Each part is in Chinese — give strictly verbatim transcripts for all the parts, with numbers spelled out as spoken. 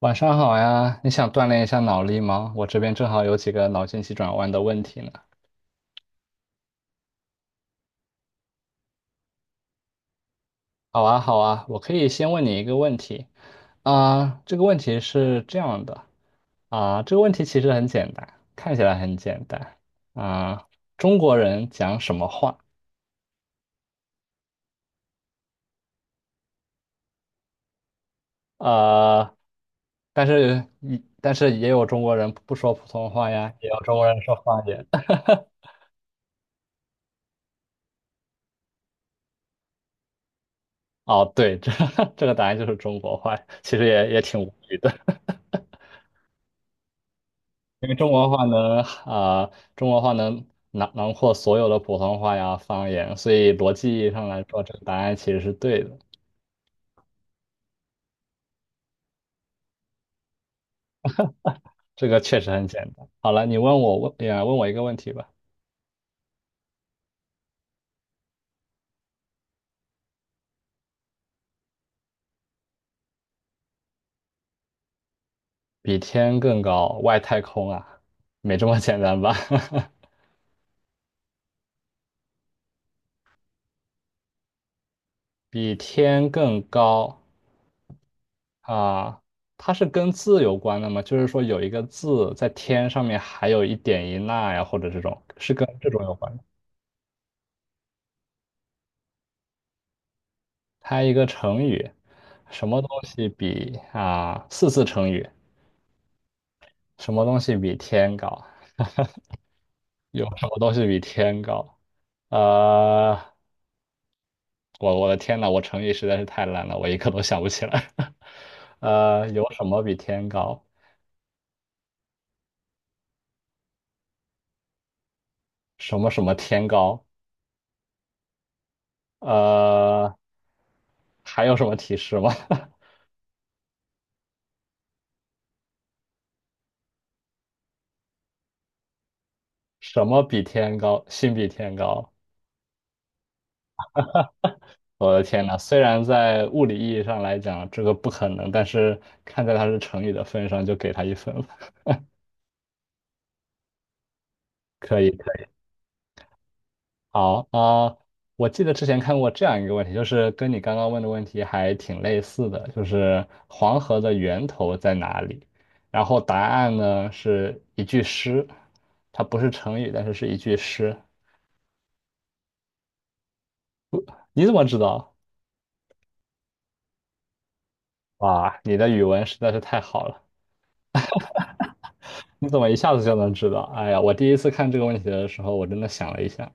晚上好呀，你想锻炼一下脑力吗？我这边正好有几个脑筋急转弯的问题呢。好啊，好啊，我可以先问你一个问题啊，这个问题是这样的啊，这个问题其实很简单，看起来很简单啊，中国人讲什么话？呃，但是一但是也有中国人不说普通话呀，也有中国人说方言。哦，对，这 这个答案就是中国话，其实也也挺无语的。因为中国话能啊、呃中国话能囊囊括所有的普通话呀方言，所以逻辑意义上来说，这个答案其实是对的。这个确实很简单。好了，你问我问，也问我一个问题吧。比天更高，外太空啊，没这么简单吧？比天更高啊，它是跟字有关的吗？就是说有一个字在天上面，还有一点一捺呀，或者这种，是跟这种有关猜一个成语，什么东西比啊四字成语？什么东西比天高？有什么东西比天高？呃，我我的天呐，我成语实在是太烂了，我一个都想不起来。呃，有什么比天高？什么什么天高？呃，还有什么提示吗？什么比天高？心比天高？我的天呐，虽然在物理意义上来讲这个不可能，但是看在它是成语的份上，就给它一分吧。可以，可以好啊，呃我记得之前看过这样一个问题，就是跟你刚刚问的问题还挺类似的，就是黄河的源头在哪里？然后答案呢是一句诗，它不是成语，但是是一句诗。你怎么知道？哇，你的语文实在是太好了，你怎么一下子就能知道？哎呀，我第一次看这个问题的时候，我真的想了一下。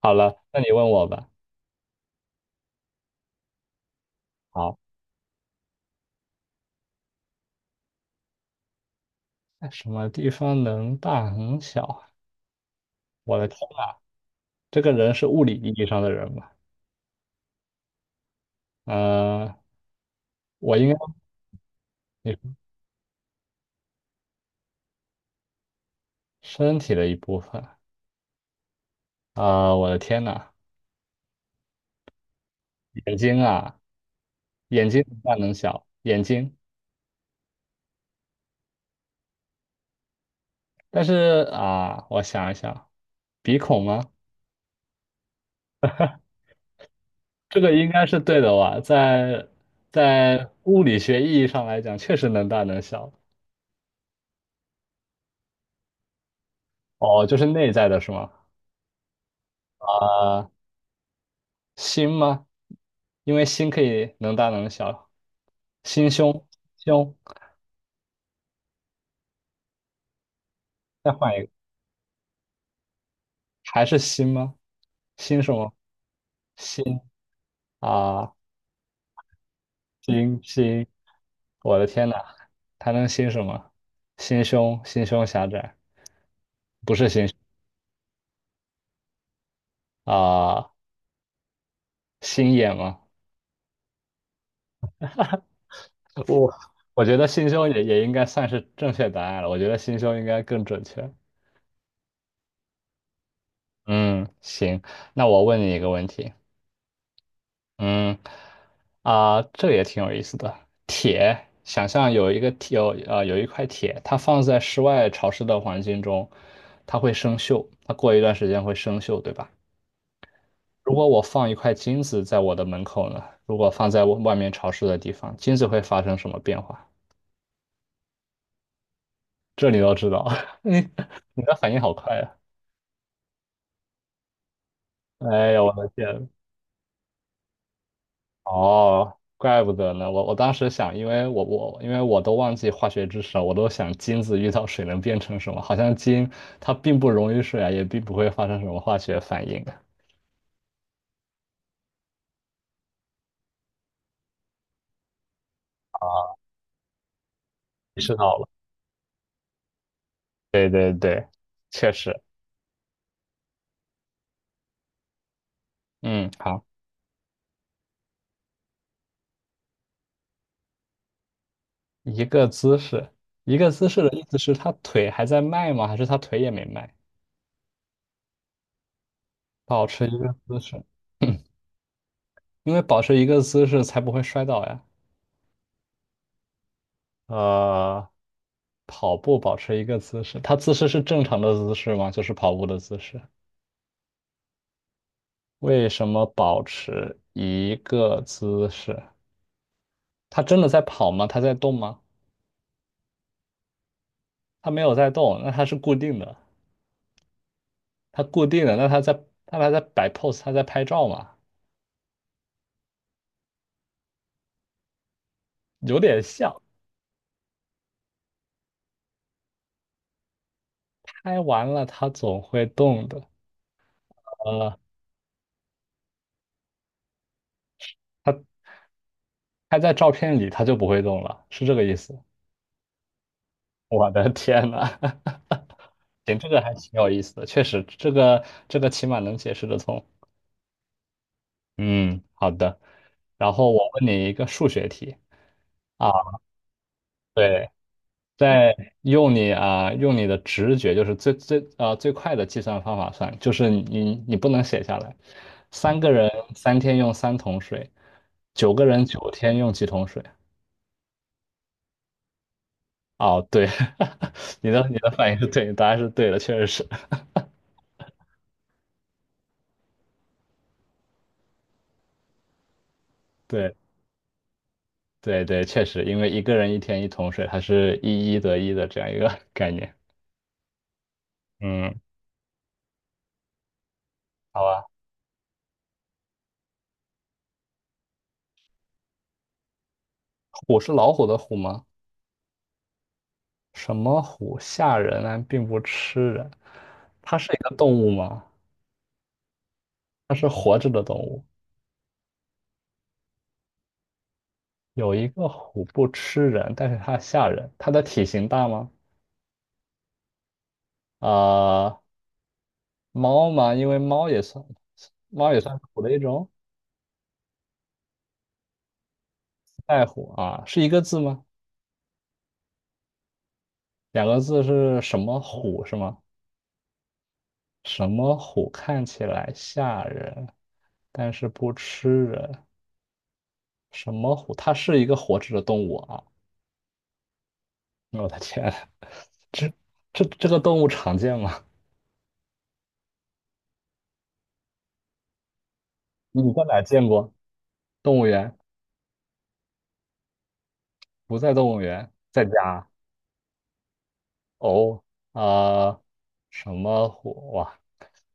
好了，那你问我吧。好，在什么地方能大能小啊我的天啊，这个人是物理意义上的人吗？嗯，我应该你身体的一部分。啊、我的天呐，眼睛啊，眼睛能大能小，眼睛。但是啊、我想一想，鼻孔吗？这个应该是对的吧？在在物理学意义上来讲，确实能大能小。哦，就是内在的是吗？啊、心吗？因为心可以能大能小，心胸胸，再换一个，还是心吗？心什么？心啊，心心，我的天呐，还能心什么？心胸，心胸狭窄，不是心胸啊，心眼吗？我我觉得心胸也也应该算是正确答案了，我觉得心胸应该更准确。嗯，行，那我问你一个问题，嗯。啊，这也挺有意思的。铁，想象有一个铁，有呃有一块铁，它放在室外潮湿的环境中，它会生锈，它过一段时间会生锈，对吧？如果我放一块金子在我的门口呢？如果放在外面潮湿的地方，金子会发生什么变化？这你都知道，你你的反应好快啊！哎呀，我的天，哦，怪不得呢。我我当时想，因为我我因为我都忘记化学知识了，我都想金子遇到水能变成什么？好像金它并不溶于水啊，也并不会发生什么化学反应。意识到了。对对对，确实。嗯，好，一个姿势，一个姿势的意思是他腿还在迈吗？还是他腿也没迈？保持一个姿势，因为保持一个姿势才不会摔倒呀。呃，跑步保持一个姿势，它姿势是正常的姿势吗？就是跑步的姿势。为什么保持一个姿势？它真的在跑吗？它在动吗？它没有在动，那它是固定的，它固定的，那它在，那它在摆 pose，它在拍照嘛，有点像。拍完了，它总会动的。呃，它拍在照片里，它就不会动了，是这个意思。我的天呐！行，这个还挺有意思的，确实，这个这个起码能解释得通。嗯，好的。然后我问你一个数学题啊，对，在用你啊、用你的直觉，就是最最啊、最快的计算方法算，就是你你不能写下来。三个人三天用三桶水，九个人九天用几桶水？哦，对，你的你的反应是对，答案是对的，确实是 对对对，确实，因为一个人一天一桶水，它是一一得一的这样一个 概念。嗯，好吧，虎是老虎的虎吗？什么虎吓人但并不吃人？它是一个动物吗？它是活着的动物。有一个虎不吃人，但是它吓人。它的体型大吗？呃，猫吗？因为猫也算猫也算是虎的一种。爱虎啊，是一个字吗？两个字是什么虎是吗？什么虎看起来吓人，但是不吃人？什么虎？它是一个活着的动物啊！我的天，这这这个动物常见吗？你在哪儿见过？动物园？不在动物园，在家。哦，啊、什么虎？哇，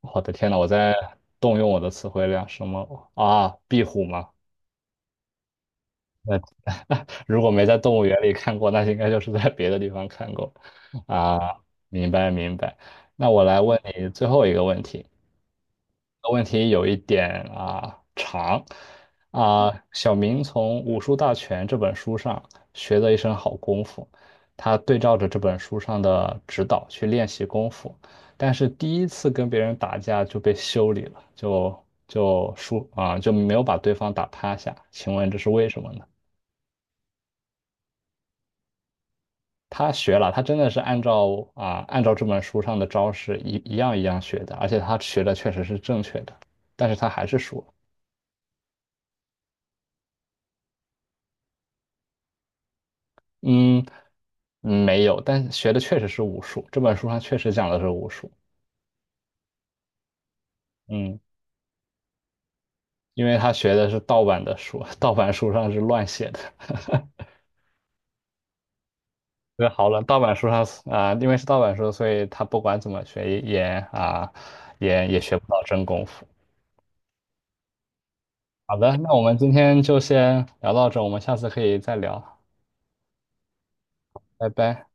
我的天呐，我在动用我的词汇量。什么啊？壁虎吗？那 如果没在动物园里看过，那应该就是在别的地方看过。啊，明白明白。那我来问你最后一个问题，个问题有一点啊长啊，小明从《武术大全》这本书上学了一身好功夫，他对照着这本书上的指导去练习功夫，但是第一次跟别人打架就被修理了，就就输啊，就没有把对方打趴下。请问这是为什么呢？他学了，他真的是按照啊按照这本书上的招式一一样一样学的，而且他学的确实是正确的，但是他还是输了。嗯，嗯，没有，但学的确实是武术。这本书上确实讲的是武术，嗯，因为他学的是盗版的书，盗版书上是乱写的。这好了，盗版书上啊、因为是盗版书，所以他不管怎么学也啊、也也学不到真功夫。好的，那我们今天就先聊到这，我们下次可以再聊，拜拜。